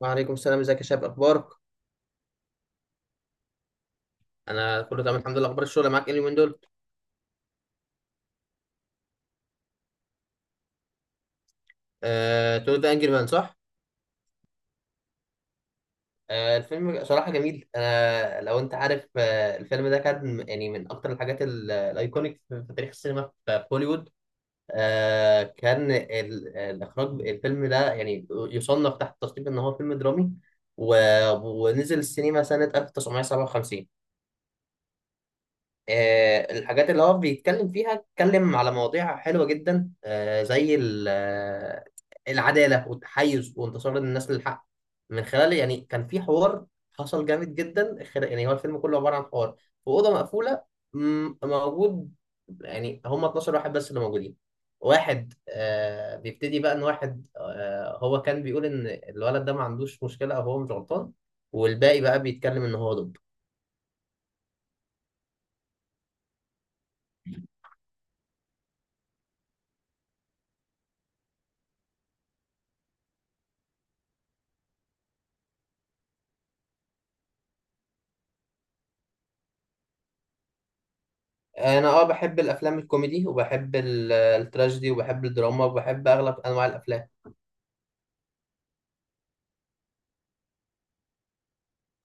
وعليكم السلام، ازيك يا شباب، اخبارك؟ انا كله تمام الحمد لله. اخبار الشغل معاك ايه اليومين دول؟ تو ذا انجري مان، صح؟ الفيلم صراحه جميل. انا لو انت عارف، الفيلم ده كان يعني من اكتر الحاجات الايكونيك في تاريخ السينما في هوليوود. كان الاخراج الفيلم ده يعني يصنف تحت تصنيف ان هو فيلم درامي، و- ونزل السينما سنه 1957. الحاجات اللي هو بيتكلم فيها اتكلم على مواضيع حلوة جدا، زي العدالة والتحيز وانتصار الناس للحق من خلال. يعني كان في حوار حصل جامد جدا، يعني هو الفيلم كله عبارة عن حوار في أوضة مقفولة. موجود. يعني هم 12 واحد بس اللي موجودين. واحد بيبتدي بقى، ان واحد هو كان بيقول ان الولد ده ما عندوش مشكلة او هو مش غلطان، والباقي بقى بيتكلم ان هو ضده. انا بحب الافلام الكوميدي، وبحب التراجيدي، وبحب الدراما، وبحب اغلب انواع الافلام.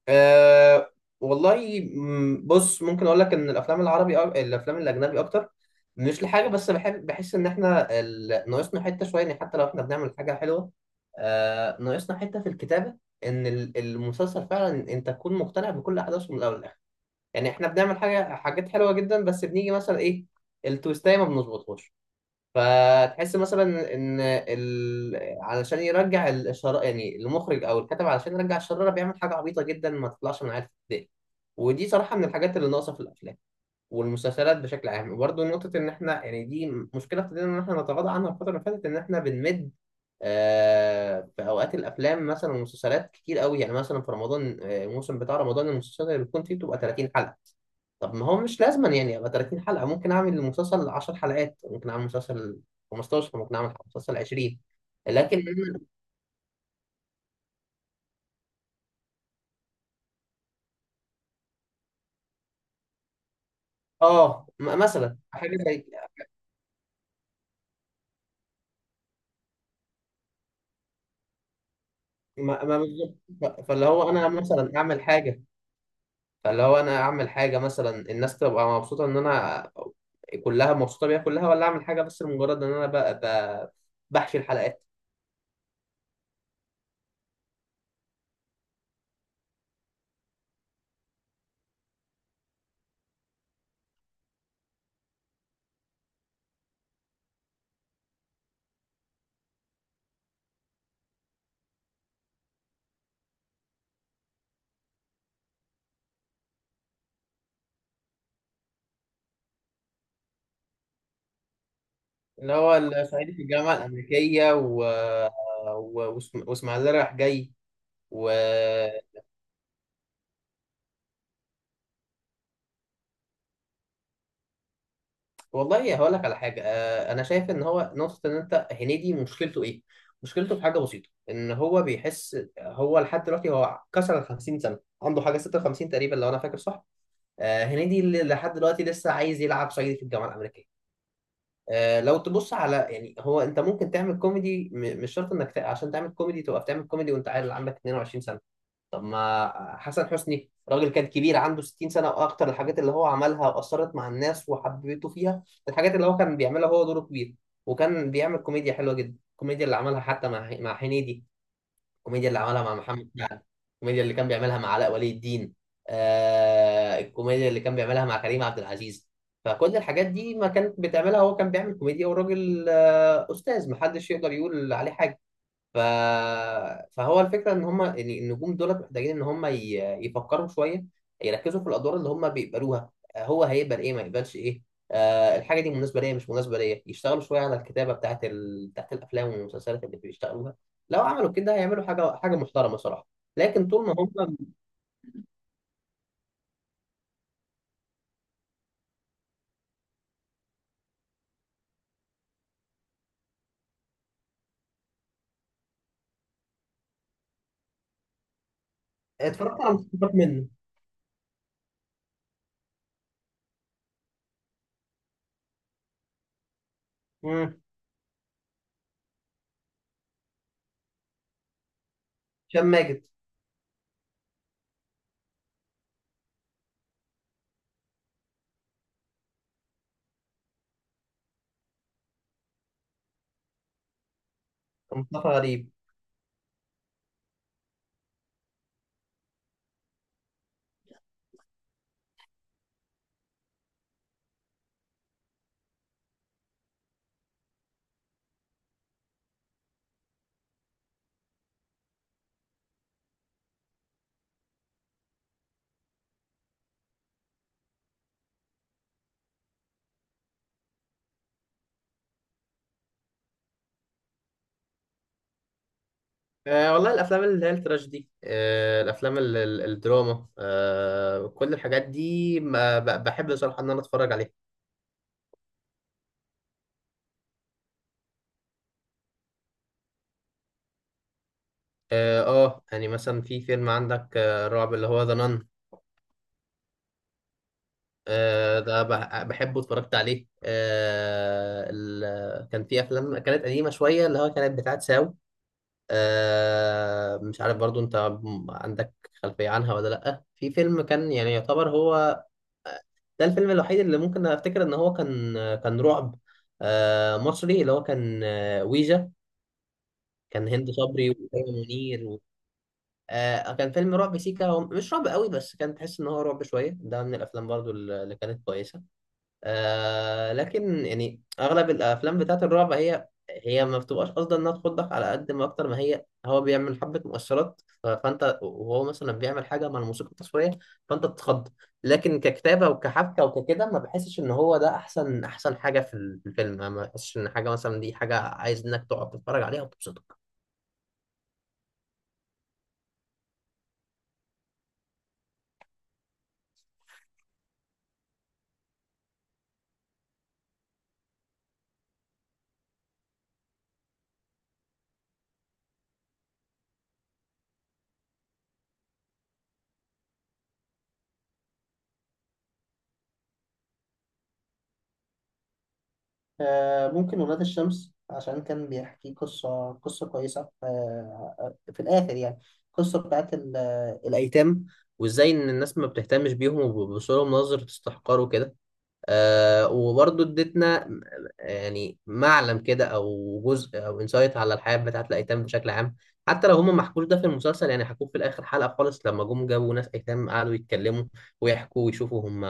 أه والله، بص، ممكن اقول لك ان الافلام العربي أو الافلام الاجنبي اكتر. مش لحاجه، بس بحس ان احنا ناقصنا حته شويه. يعني حتى لو احنا بنعمل حاجه حلوه، ناقصنا حته في الكتابه. ان المسلسل فعلا انت تكون مقتنع بكل احداثه من الاول للاخر. يعني احنا بنعمل حاجات حلوه جدا، بس بنيجي مثلا ايه، التويستايه ما بنظبطهاش. فتحس مثلا ان علشان يرجع الشر، يعني المخرج او الكاتب علشان يرجع الشراره بيعمل حاجه عبيطه جدا ما تطلعش من عيال ابتدائي. ودي صراحه من الحاجات اللي ناقصه في الافلام والمسلسلات بشكل عام. وبرده نقطه ان احنا يعني دي مشكله ابتدينا ان احنا نتغاضى عنها الفتره اللي فاتت، ان احنا بنمد. في اوقات الافلام مثلا والمسلسلات كتير قوي. يعني مثلا في رمضان، الموسم بتاع رمضان المسلسلات اللي بتكون فيه بتبقى 30 حلقه. طب ما هو مش لازم يعني ابقى 30 حلقة، ممكن اعمل المسلسل 10 حلقات، ممكن اعمل مسلسل 15، ممكن اعمل مسلسل 20. لكن مثلا حاجة زي. ما بالظبط. فاللي هو انا مثلا اعمل حاجة. فاللي هو انا اعمل حاجة مثلا الناس تبقى مبسوطة، ان انا كلها مبسوطة بيها كلها، ولا اعمل حاجة بس لمجرد ان انا ب... بحشي الحلقات. اللي هو الصعيدي في الجامعة الأمريكية، واسماعيلية رايح جاي. و... والله هقول لك على حاجه. انا شايف ان هو نقطه، ان انت هنيدي مشكلته ايه؟ مشكلته في حاجه بسيطه، ان هو بيحس هو لحد دلوقتي، هو كسر ال 50 سنه، عنده حاجه 56 تقريبا لو انا فاكر صح. هنيدي اللي لحد دلوقتي لسه عايز يلعب صعيدي في الجامعه الامريكيه. لو تبص على، يعني هو انت ممكن تعمل كوميدي، مش شرط انك عشان تعمل كوميدي تبقى بتعمل كوميدي وانت عيل عندك 22. طب ما حسن حسني راجل كان كبير، عنده 60 سنة وأكتر. الحاجات اللي هو عملها أثرت مع الناس وحببته فيها. الحاجات اللي هو كان بيعملها هو دوره كبير، وكان بيعمل كوميديا حلوة جدا. الكوميديا اللي عملها حتى مع هنيدي، الكوميديا اللي عملها مع محمد سعد، الكوميديا اللي كان بيعملها مع علاء ولي الدين، الكوميديا اللي كان بيعملها مع كريم عبد العزيز. فكل الحاجات دي ما كانت بتعملها، هو كان بيعمل كوميديا، والراجل أستاذ، محدش يقدر يقول عليه حاجة. ف... فهو الفكره ان هم النجوم دول محتاجين ان هم يفكروا شويه، يركزوا في الادوار اللي هم بيقبلوها، هو هيقبل ايه، ما يقبلش ايه، الحاجه دي مناسبه ليا، مش مناسبه ليا. يشتغلوا شويه على الكتابه بتاعت بتاعت الافلام والمسلسلات اللي بيشتغلوها. لو عملوا كده هيعملوا حاجه محترمه صراحه. لكن طول ما هم... اتفرجت على مستوى منه. مم. هشام ماجد. مصطفى غريب. والله الافلام اللي هي التراجيدي، الافلام الدراما، كل الحاجات دي ما ب- بحب بصراحه ان انا اتفرج عليها. اه. يعني مثلا في فيلم عندك، رعب، اللي هو ذا نان. ده بحبه، اتفرجت عليه. كان في افلام كانت قديمه شويه اللي هو كانت بتاعت ساو. مش عارف برضو انت عندك خلفية عنها ولا لأ. في فيلم كان يعني يعتبر هو ده الفيلم الوحيد اللي ممكن افتكر ان هو كان رعب، مصري، اللي هو كان ويجا. كان هند صبري وتامر منير. و... آه، كان فيلم رعب سيكا. هو مش رعب قوي بس كان تحس ان هو رعب شوية، ده من الافلام برضو اللي كانت كويسة. لكن يعني اغلب الافلام بتاعت الرعب هي ما بتبقاش قصدا انها تخضك على قد ما، اكتر ما هي هو بيعمل حبه مؤثرات، فانت وهو مثلا بيعمل حاجه مع الموسيقى التصويريه، فانت بتتخض. لكن ككتابه وكحبكه وككده، ما بحسش ان هو ده احسن احسن حاجه في في الفيلم. ما بحسش ان حاجه مثلا دي حاجه عايز انك تقعد تتفرج عليها وتبسطك. ممكن ولاد الشمس عشان كان بيحكي قصة كويسة، في الآخر يعني. قصة بتاعت الأيتام، وإزاي إن الناس ما بتهتمش بيهم وبيبصوا لهم نظرة استحقار وكده. وبرضه ادتنا يعني معلم كده او جزء او انسايت على الحياه بتاعت الايتام بشكل عام. حتى لو هم ما حكوش ده في المسلسل، يعني حكوه في الاخر حلقه خالص، لما جم جابوا ناس ايتام قعدوا يتكلموا ويحكوا ويشوفوا هم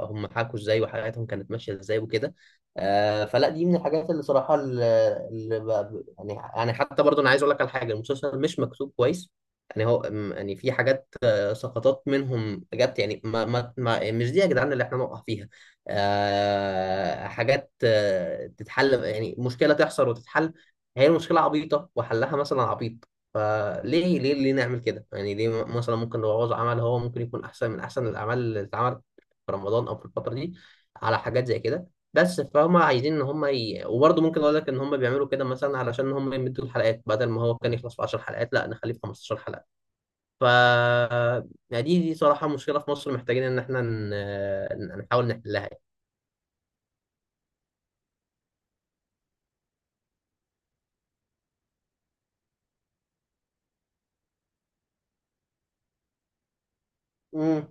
هم حكوا ازاي وحياتهم كانت ماشيه ازاي وكده. فلا دي من الحاجات اللي صراحه يعني، حتى برضه انا عايز اقول لك على حاجه، المسلسل مش مكتوب كويس. يعني هو يعني في حاجات، سقطات منهم جت يعني. ما مش دي يا جدعان اللي احنا نقع فيها. حاجات تتحل، يعني مشكلة تحصل وتتحل. هي المشكلة عبيطة وحلها مثلا عبيط. فليه ليه ليه نعمل كده؟ يعني ليه مثلا ممكن نبوظ عمل هو ممكن يكون أحسن من أحسن الأعمال اللي اتعملت في رمضان أو في الفترة دي، على حاجات زي كده. بس فهم عايزين إن هم وبرضه ممكن أقول لك إن هم بيعملوا كده مثلا علشان هم يمدوا الحلقات، بدل ما هو كان يخلص في 10 حلقات، لا نخليه في 15 حلقة. ف يعني دي صراحة مشكلة في مصر محتاجين إن إحنا نحاول نحلها. يعني.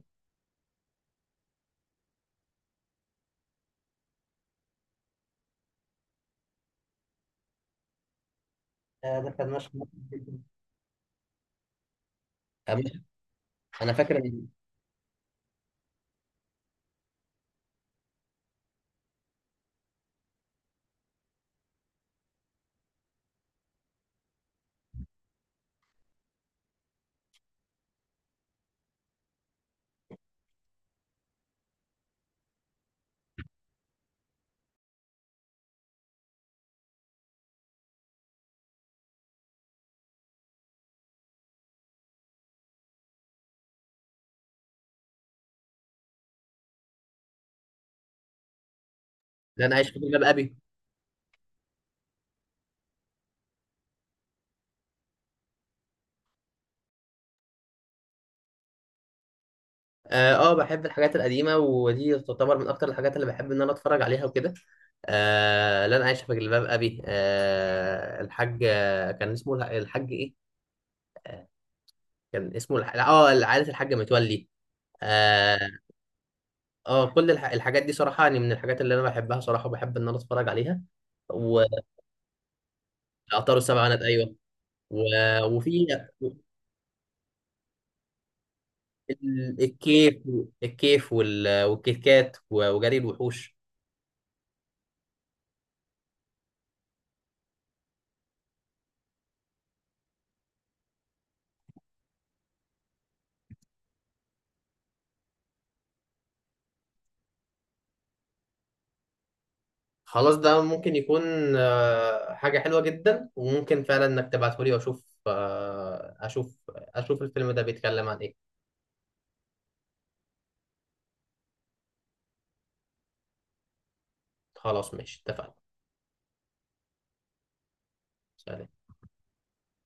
ما خدناش. انا فاكر ان... إن انا عايش في جلباب ابي. اه بحب الحاجات القديمه، ودي تعتبر من اكتر الحاجات اللي بحب ان انا اتفرج عليها وكده. لا انا عايش في جلباب ابي. الحاج، كان اسمه الحاج ايه، كان اسمه الح... اه عائله الحاج متولي. اه. كل الحاجات دي صراحه يعني من الحاجات اللي انا بحبها صراحه، وبحب ان انا اتفرج عليها. وعطار السبع بنات، ايوه. و... وفي الكيف. الكيف والكيكات وجري الوحوش. خلاص، ده ممكن يكون حاجة حلوة جدا، وممكن فعلا انك تبعته لي واشوف. اشوف الفيلم ده بيتكلم عن ايه. خلاص ماشي اتفقنا. سلام.